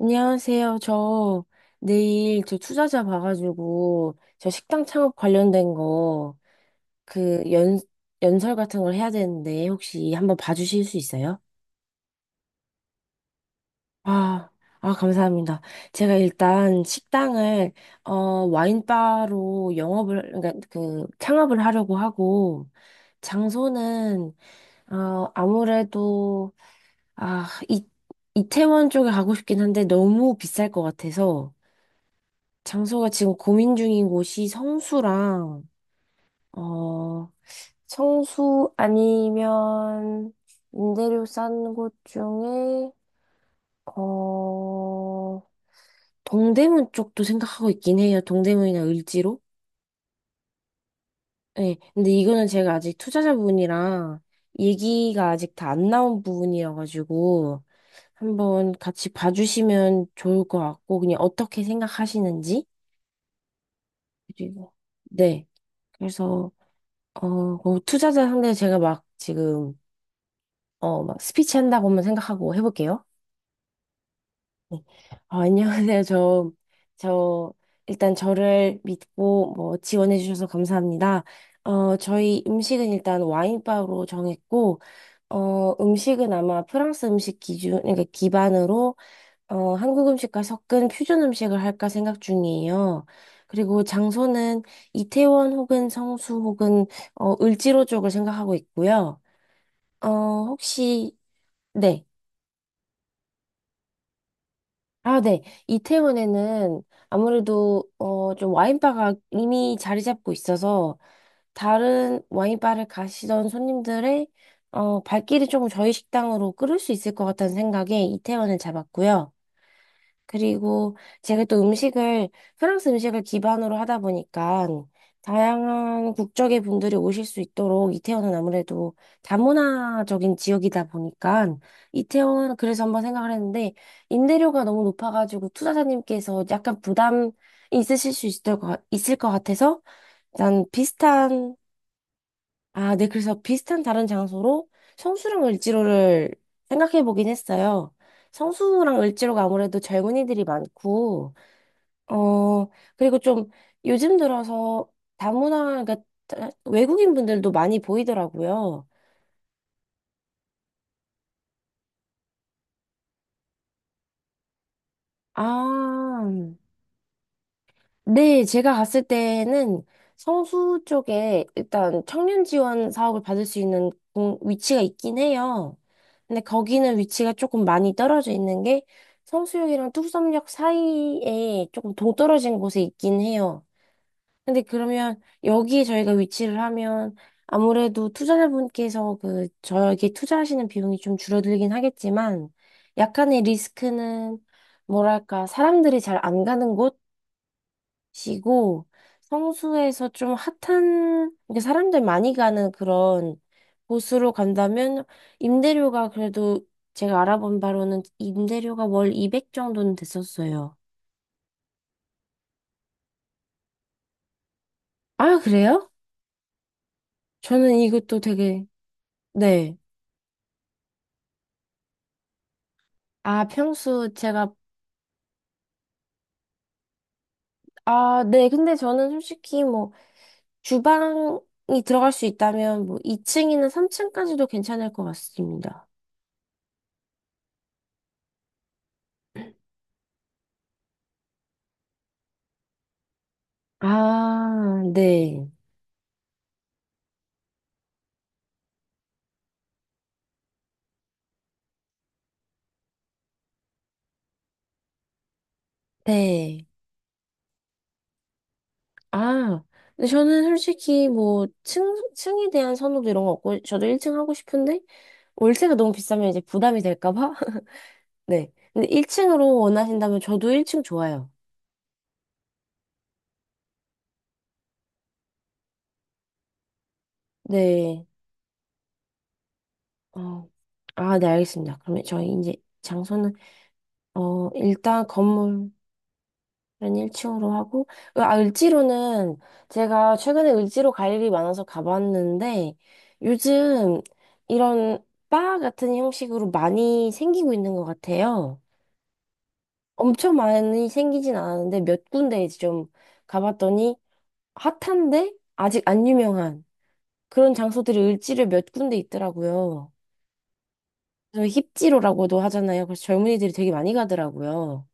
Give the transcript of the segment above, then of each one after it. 안녕하세요. 저 내일 저 투자자 봐가지고 저 식당 창업 관련된 거 그 연설 같은 걸 해야 되는데 혹시 한번 봐주실 수 있어요? 아, 아, 감사합니다. 제가 일단 식당을 어, 와인바로 영업을, 그러니까 그 창업을 하려고 하고, 장소는 어, 아무래도 아, 이, 이태원 쪽에 가고 싶긴 한데 너무 비쌀 것 같아서. 장소가 지금 고민 중인 곳이 성수랑, 어, 성수 아니면 임대료 싼 곳 중에, 어, 동대문 쪽도 생각하고 있긴 해요. 동대문이나 을지로. 네, 근데 이거는 제가 아직 투자자분이랑 얘기가 아직 다 안 나온 부분이어가지고, 한번 같이 봐주시면 좋을 것 같고, 그냥 어떻게 생각하시는지. 그리고, 네. 그래서, 그럼 투자자 상대 제가 막 지금, 막 스피치 한다고만 생각하고 해볼게요. 네. 안녕하세요. 저, 일단 저를 믿고 뭐 지원해주셔서 감사합니다. 저희 음식은 일단 와인바로 정했고, 음식은 아마 프랑스 음식 기준, 그러니까 기반으로, 한국 음식과 섞은 퓨전 음식을 할까 생각 중이에요. 그리고 장소는 이태원 혹은 성수 혹은, 을지로 쪽을 생각하고 있고요. 어, 혹시, 네. 아, 네. 이태원에는 아무래도, 좀 와인바가 이미 자리 잡고 있어서 다른 와인바를 가시던 손님들의, 발길이 조금 저희 식당으로 끌을 수 있을 것 같다는 생각에 이태원을 잡았고요. 그리고 제가 또 음식을, 프랑스 음식을 기반으로 하다 보니까 다양한 국적의 분들이 오실 수 있도록 이태원은 아무래도 다문화적인 지역이다 보니까 이태원, 그래서 한번 생각을 했는데 임대료가 너무 높아가지고 투자자님께서 약간 부담이 있으실 수 있을 것, 있을 것 같아서. 난 비슷한, 아, 네, 그래서 비슷한 다른 장소로 성수랑 을지로를 생각해 보긴 했어요. 성수랑 을지로가 아무래도 젊은이들이 많고, 어, 그리고 좀 요즘 들어서 다문화, 그러니까 외국인 분들도 많이 보이더라고요. 아, 네, 제가 갔을 때는 성수 쪽에 일단 청년 지원 사업을 받을 수 있는 위치가 있긴 해요. 근데 거기는 위치가 조금 많이 떨어져 있는 게, 성수역이랑 뚝섬역 사이에 조금 동떨어진 곳에 있긴 해요. 근데 그러면 여기에 저희가 위치를 하면 아무래도 투자자분께서 그 저에게 투자하시는 비용이 좀 줄어들긴 하겠지만, 약간의 리스크는 뭐랄까 사람들이 잘 안 가는 곳이고. 성수에서 좀 핫한, 그러니까 사람들 많이 가는 그런 곳으로 간다면 임대료가 그래도, 제가 알아본 바로는 임대료가 월 200 정도는 됐었어요. 아, 그래요? 저는 이것도 되게 네. 아, 평수 제가 아, 네. 근데 저는 솔직히 뭐 주방이 들어갈 수 있다면 뭐 2층이나 3층까지도 괜찮을 것 같습니다. 아, 네. 네. 아, 근데 저는 솔직히 뭐 층, 층에 대한 선호도 이런 거 없고 저도 1층 하고 싶은데 월세가 너무 비싸면 이제 부담이 될까 봐. 네. 근데 1층으로 원하신다면 저도 1층 좋아요. 네. 어. 아, 네, 알겠습니다. 그러면 저희 이제 장소는 일단 건물 난 1층으로 하고, 아, 을지로는 제가 최근에 을지로 갈 일이 많아서 가봤는데, 요즘 이런 바 같은 형식으로 많이 생기고 있는 것 같아요. 엄청 많이 생기진 않았는데, 몇 군데 이제 좀 가봤더니, 핫한데, 아직 안 유명한 그런 장소들이 을지로에 몇 군데 있더라고요. 그래서 힙지로라고도 하잖아요. 그래서 젊은이들이 되게 많이 가더라고요.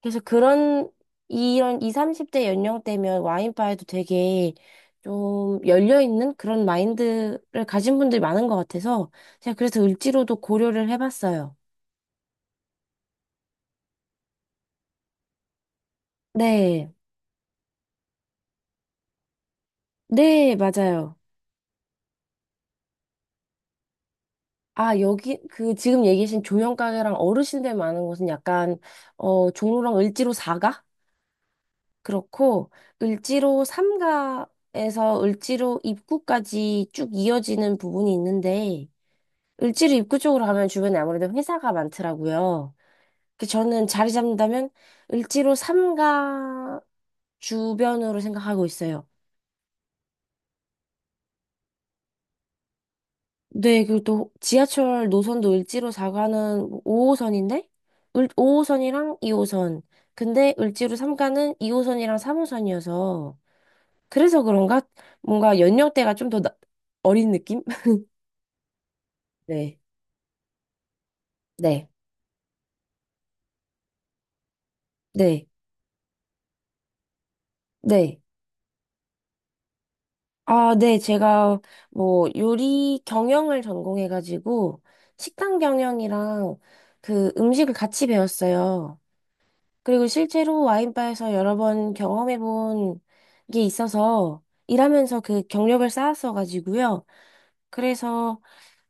그래서 그런 이런 20, 30대 연령대면 와인바에도 되게 좀 열려있는 그런 마인드를 가진 분들이 많은 것 같아서 제가 그래서 을지로도 고려를 해봤어요. 네. 네, 맞아요. 아, 여기, 그, 지금 얘기하신 조형가게랑 어르신들 많은 곳은 약간, 종로랑 을지로 4가? 그렇고, 을지로 3가에서 을지로 입구까지 쭉 이어지는 부분이 있는데, 을지로 입구 쪽으로 가면 주변에 아무래도 회사가 많더라고요. 그 저는 자리 잡는다면 을지로 3가 주변으로 생각하고 있어요. 네, 그리고 또 지하철 노선도 을지로 4가는 5호선인데, 5호선이랑 2호선. 근데 을지로 3가는 2호선이랑 3호선이어서, 그래서 그런가 뭔가 연령대가 좀 더 어린 느낌? 네. 네. 네. 네. 아, 네, 제가 뭐 요리 경영을 전공해가지고 식당 경영이랑 그 음식을 같이 배웠어요. 그리고 실제로 와인바에서 여러 번 경험해본 게 있어서 일하면서 그 경력을 쌓았어가지고요. 그래서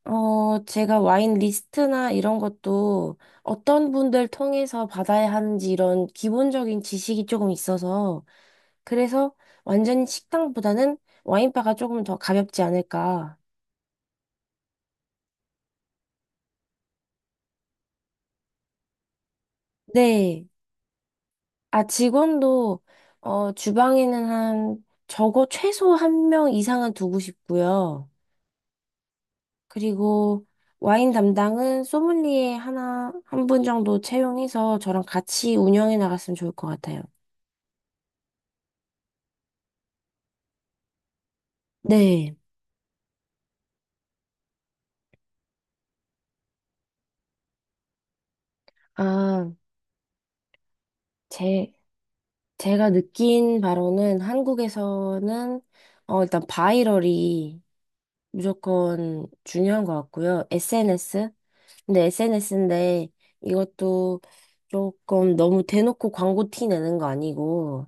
어 제가 와인 리스트나 이런 것도 어떤 분들 통해서 받아야 하는지 이런 기본적인 지식이 조금 있어서. 그래서 완전히 식당보다는 와인바가 조금 더 가볍지 않을까. 네. 아, 직원도, 주방에는 한, 적어 최소 한 명 이상은 두고 싶고요. 그리고 와인 담당은 소믈리에 하나, 한 분 정도 채용해서 저랑 같이 운영해 나갔으면 좋을 것 같아요. 네. 아, 제, 제가 느낀 바로는 한국에서는, 일단 바이럴이 무조건 중요한 것 같고요. SNS? 근데 SNS인데 이것도 조금 너무 대놓고 광고 티 내는 거 아니고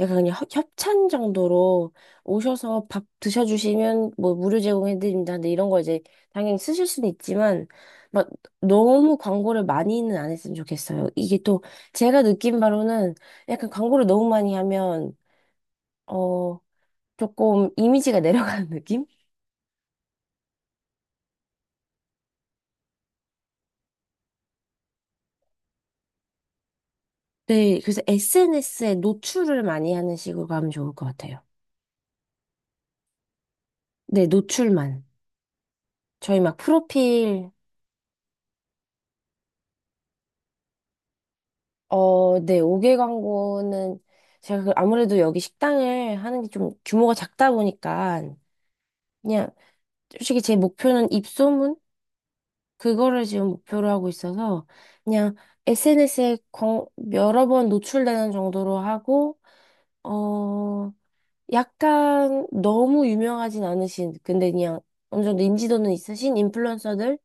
약간 그냥 협찬 정도로 오셔서 밥 드셔주시면 뭐 무료 제공해드립니다. 근데 이런 거 이제 당연히 쓰실 수는 있지만 막 너무 광고를 많이는 안 했으면 좋겠어요. 이게 또 제가 느낀 바로는 약간 광고를 너무 많이 하면 어 조금 이미지가 내려가는 느낌? 네, 그래서 SNS에 노출을 많이 하는 식으로 가면 좋을 것 같아요. 네, 노출만. 저희 막 프로필, 네, 오개 광고는 제가 그 아무래도 여기 식당을 하는 게 좀 규모가 작다 보니까 그냥 솔직히 제 목표는 입소문? 그거를 지금 목표로 하고 있어서 그냥 SNS에 여러 번 노출되는 정도로 하고, 어, 약간 너무 유명하진 않으신, 근데 그냥 어느 정도 인지도는 있으신 인플루언서들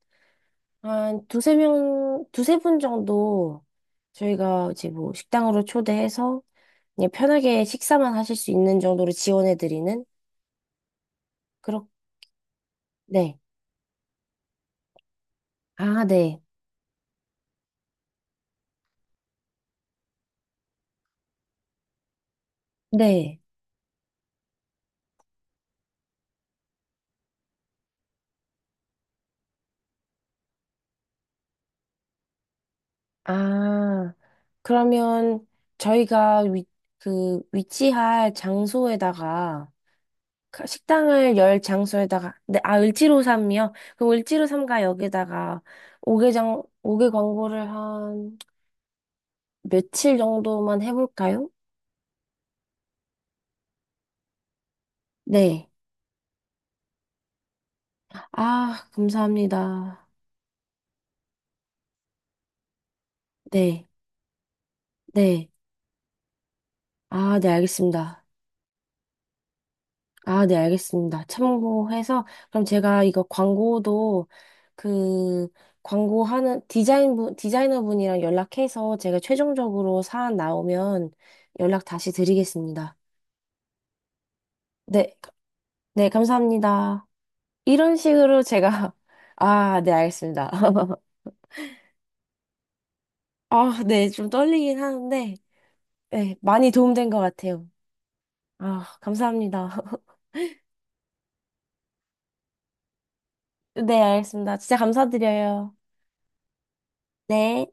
한 두세 명, 두세 분 정도 저희가 이제 뭐 식당으로 초대해서 그냥 편하게 식사만 하실 수 있는 정도로 지원해드리는? 그렇, 네. 아, 네. 네. 아, 그러면 저희가 위, 그 위치할 장소에다가 식당을 열 장소에다가 네, 아, 을지로3이요? 그럼 을지로3가 여기다가 5개 광고를 한 며칠 정도만 해볼까요? 네. 아, 감사합니다. 네, 네. 아, 네, 알겠습니다. 아, 네, 알겠습니다. 참고해서, 그럼 제가 이거 광고도 그, 광고하는 디자인 분, 디자이너 분이랑 연락해서 제가 최종적으로 사안 나오면 연락 다시 드리겠습니다. 네, 네, 감사합니다. 이런 식으로 제가, 아, 네, 알겠습니다. 아, 네, 좀 떨리긴 하는데, 네, 많이 도움된 것 같아요. 아, 감사합니다. 네, 알겠습니다. 진짜 감사드려요. 네.